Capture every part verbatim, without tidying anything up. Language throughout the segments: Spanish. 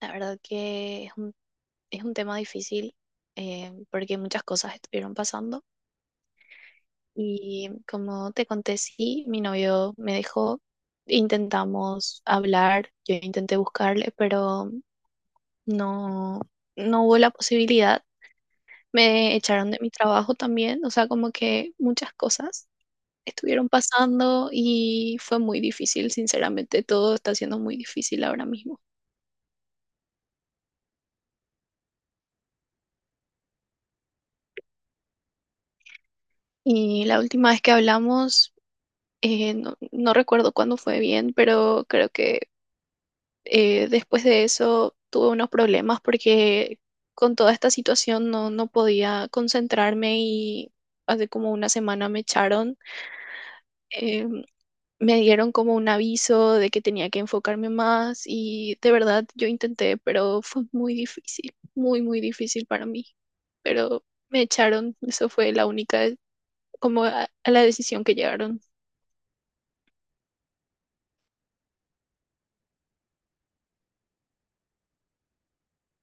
La verdad que es un, es un tema difícil, eh, porque muchas cosas estuvieron pasando y como te conté, sí, mi novio me dejó. Intentamos hablar, yo intenté buscarle, pero no, no hubo la posibilidad. Me echaron de mi trabajo también, o sea, como que muchas cosas estuvieron pasando y fue muy difícil, sinceramente. Todo está siendo muy difícil ahora mismo. Y la última vez que hablamos... Eh, no, no recuerdo cuándo fue bien, pero creo que eh, después de eso tuve unos problemas porque con toda esta situación no, no podía concentrarme y hace como una semana me echaron. Eh, me dieron como un aviso de que tenía que enfocarme más y de verdad yo intenté, pero fue muy difícil, muy, muy difícil para mí. Pero me echaron, eso fue la única, como a, a la decisión que llegaron.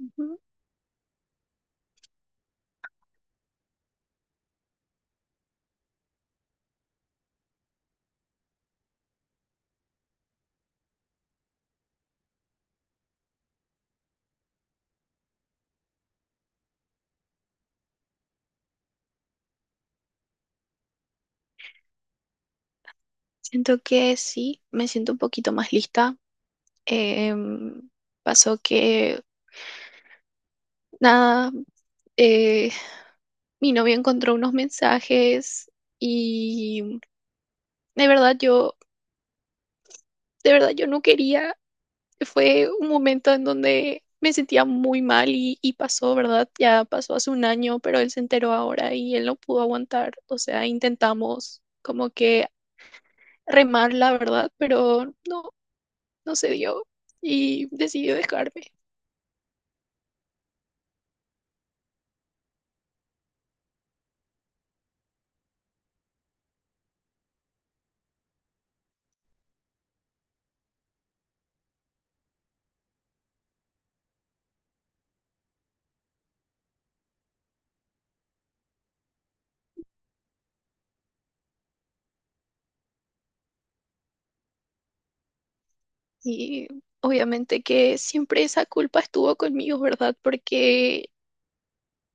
Ujú. Siento que sí, me siento un poquito más lista. Em, Pasó que, nada, eh, mi novio encontró unos mensajes y de verdad yo, de verdad yo no quería. Fue un momento en donde me sentía muy mal y, y pasó, ¿verdad? Ya pasó hace un año, pero él se enteró ahora y él no pudo aguantar. O sea, intentamos como que remar la verdad, pero no, no se dio y decidió dejarme. Y obviamente que siempre esa culpa estuvo conmigo, ¿verdad? Porque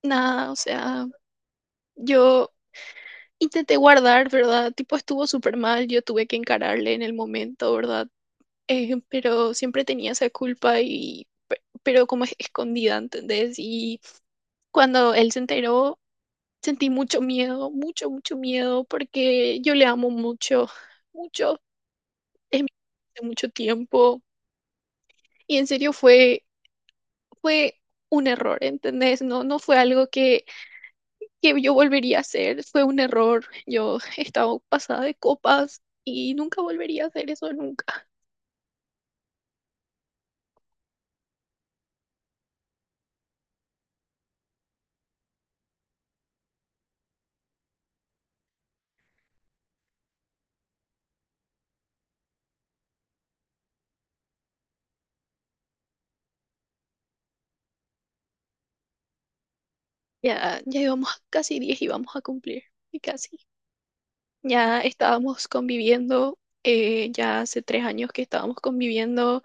nada, o sea, yo intenté guardar, ¿verdad? Tipo, estuvo súper mal, yo tuve que encararle en el momento, ¿verdad? Eh, pero siempre tenía esa culpa y, pe- pero como es- escondida, ¿entendés? Y cuando él se enteró, sentí mucho miedo, mucho, mucho miedo, porque yo le amo mucho, mucho, es mi hace mucho tiempo. Y en serio fue fue un error, ¿entendés? No, no fue algo que, que yo volvería a hacer, fue un error. Yo estaba pasada de copas y nunca volvería a hacer eso nunca. Ya, ya íbamos a casi diez y vamos a cumplir, y casi. Ya estábamos conviviendo, eh, ya hace tres años que estábamos conviviendo.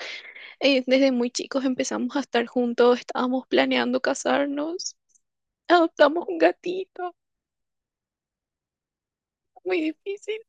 eh, Desde muy chicos empezamos a estar juntos, estábamos planeando casarnos, adoptamos un gatito, muy difícil.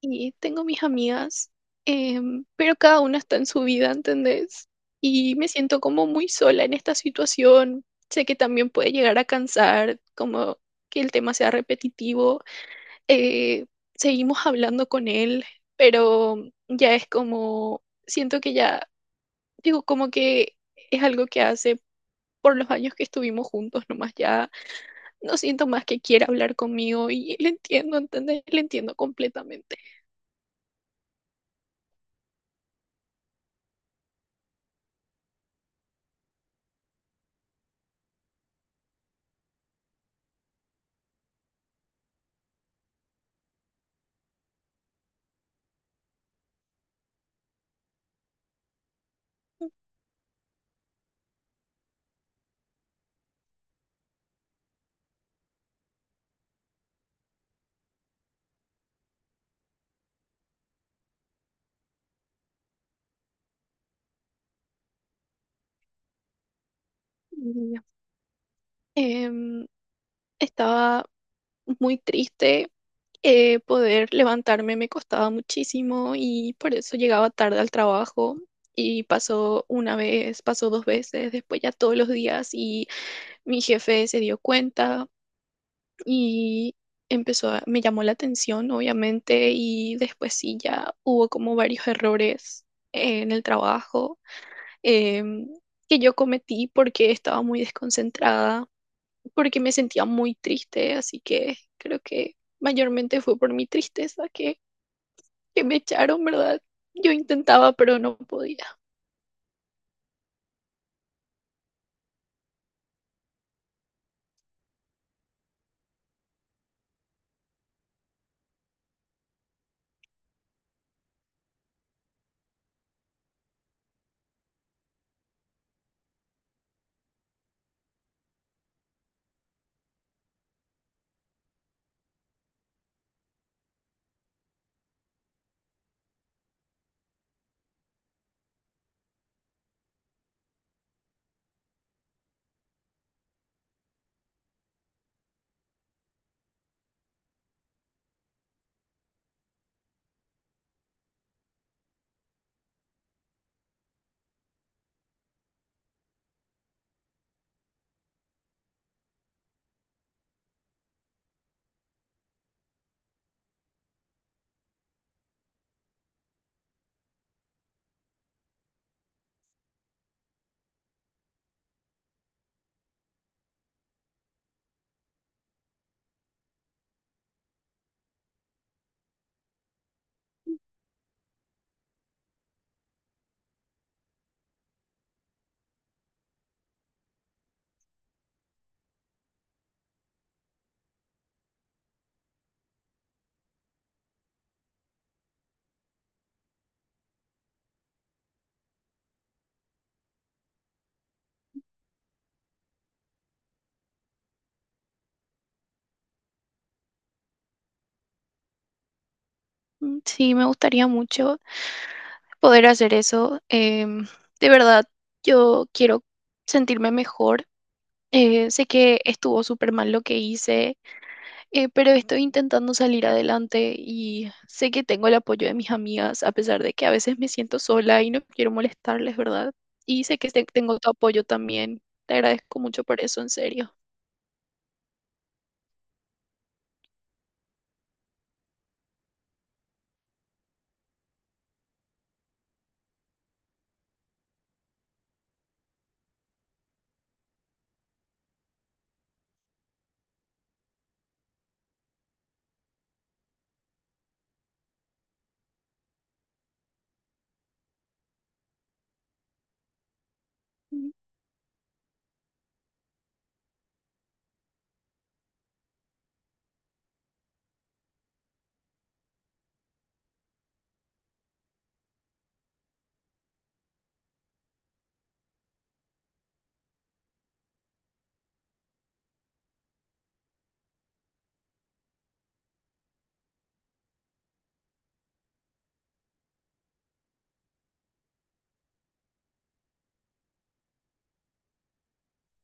Y tengo mis amigas, em, pero cada una está en su vida, ¿entendés? Y me siento como muy sola en esta situación. Sé que también puede llegar a cansar, como que el tema sea repetitivo. Eh, Seguimos hablando con él, pero ya es como, siento que ya, digo, como que es algo que hace por los años que estuvimos juntos, nomás ya no siento más que quiera hablar conmigo y le entiendo, ¿entendés? Le entiendo completamente. Y, em, Estaba muy triste. eh, poder levantarme me costaba muchísimo y por eso llegaba tarde al trabajo. Y pasó una vez, pasó dos veces, después ya todos los días y mi jefe se dio cuenta y empezó a, me llamó la atención, obviamente, y después sí ya hubo como varios errores en el trabajo, em, que yo cometí porque estaba muy desconcentrada porque me sentía muy triste, así que creo que mayormente fue por mi tristeza que, que me echaron, ¿verdad? Yo intentaba, pero no podía. Mm, Sí, me gustaría mucho poder hacer eso. Em, de verdad, yo quiero sentirme mejor. Eh, sé que estuvo súper mal lo que hice. Eh, pero estoy intentando salir adelante y sé que tengo el apoyo de mis amigas, a pesar de que a veces me siento sola y no quiero molestarles, ¿verdad? Y sé que te- tengo tu apoyo también. Te agradezco mucho por eso, en serio.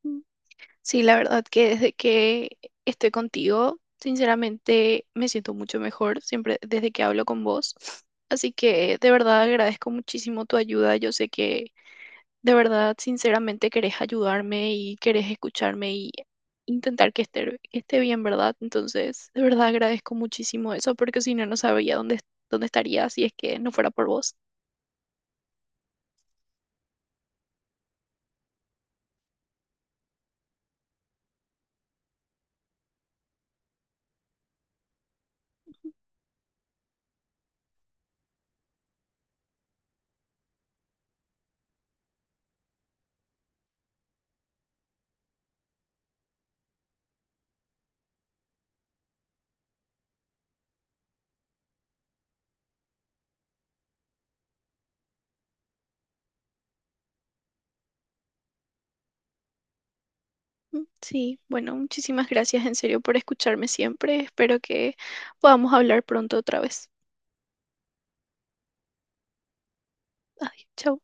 Ujú. Sí, la verdad que desde que estoy contigo, sinceramente me siento mucho mejor siempre desde que hablo con vos. Así que de verdad agradezco muchísimo tu ayuda. Yo sé que. De verdad, sinceramente querés ayudarme y querés escucharme y intentar que esté, que esté bien, ¿verdad? Entonces, de verdad agradezco muchísimo eso porque si no, no sabría dónde, est- dónde estaría si es que no fuera por vos. Mm, Sí, bueno, muchísimas gracias en serio por escucharme siempre. Espero que podamos hablar pronto otra vez. Adiós, chao.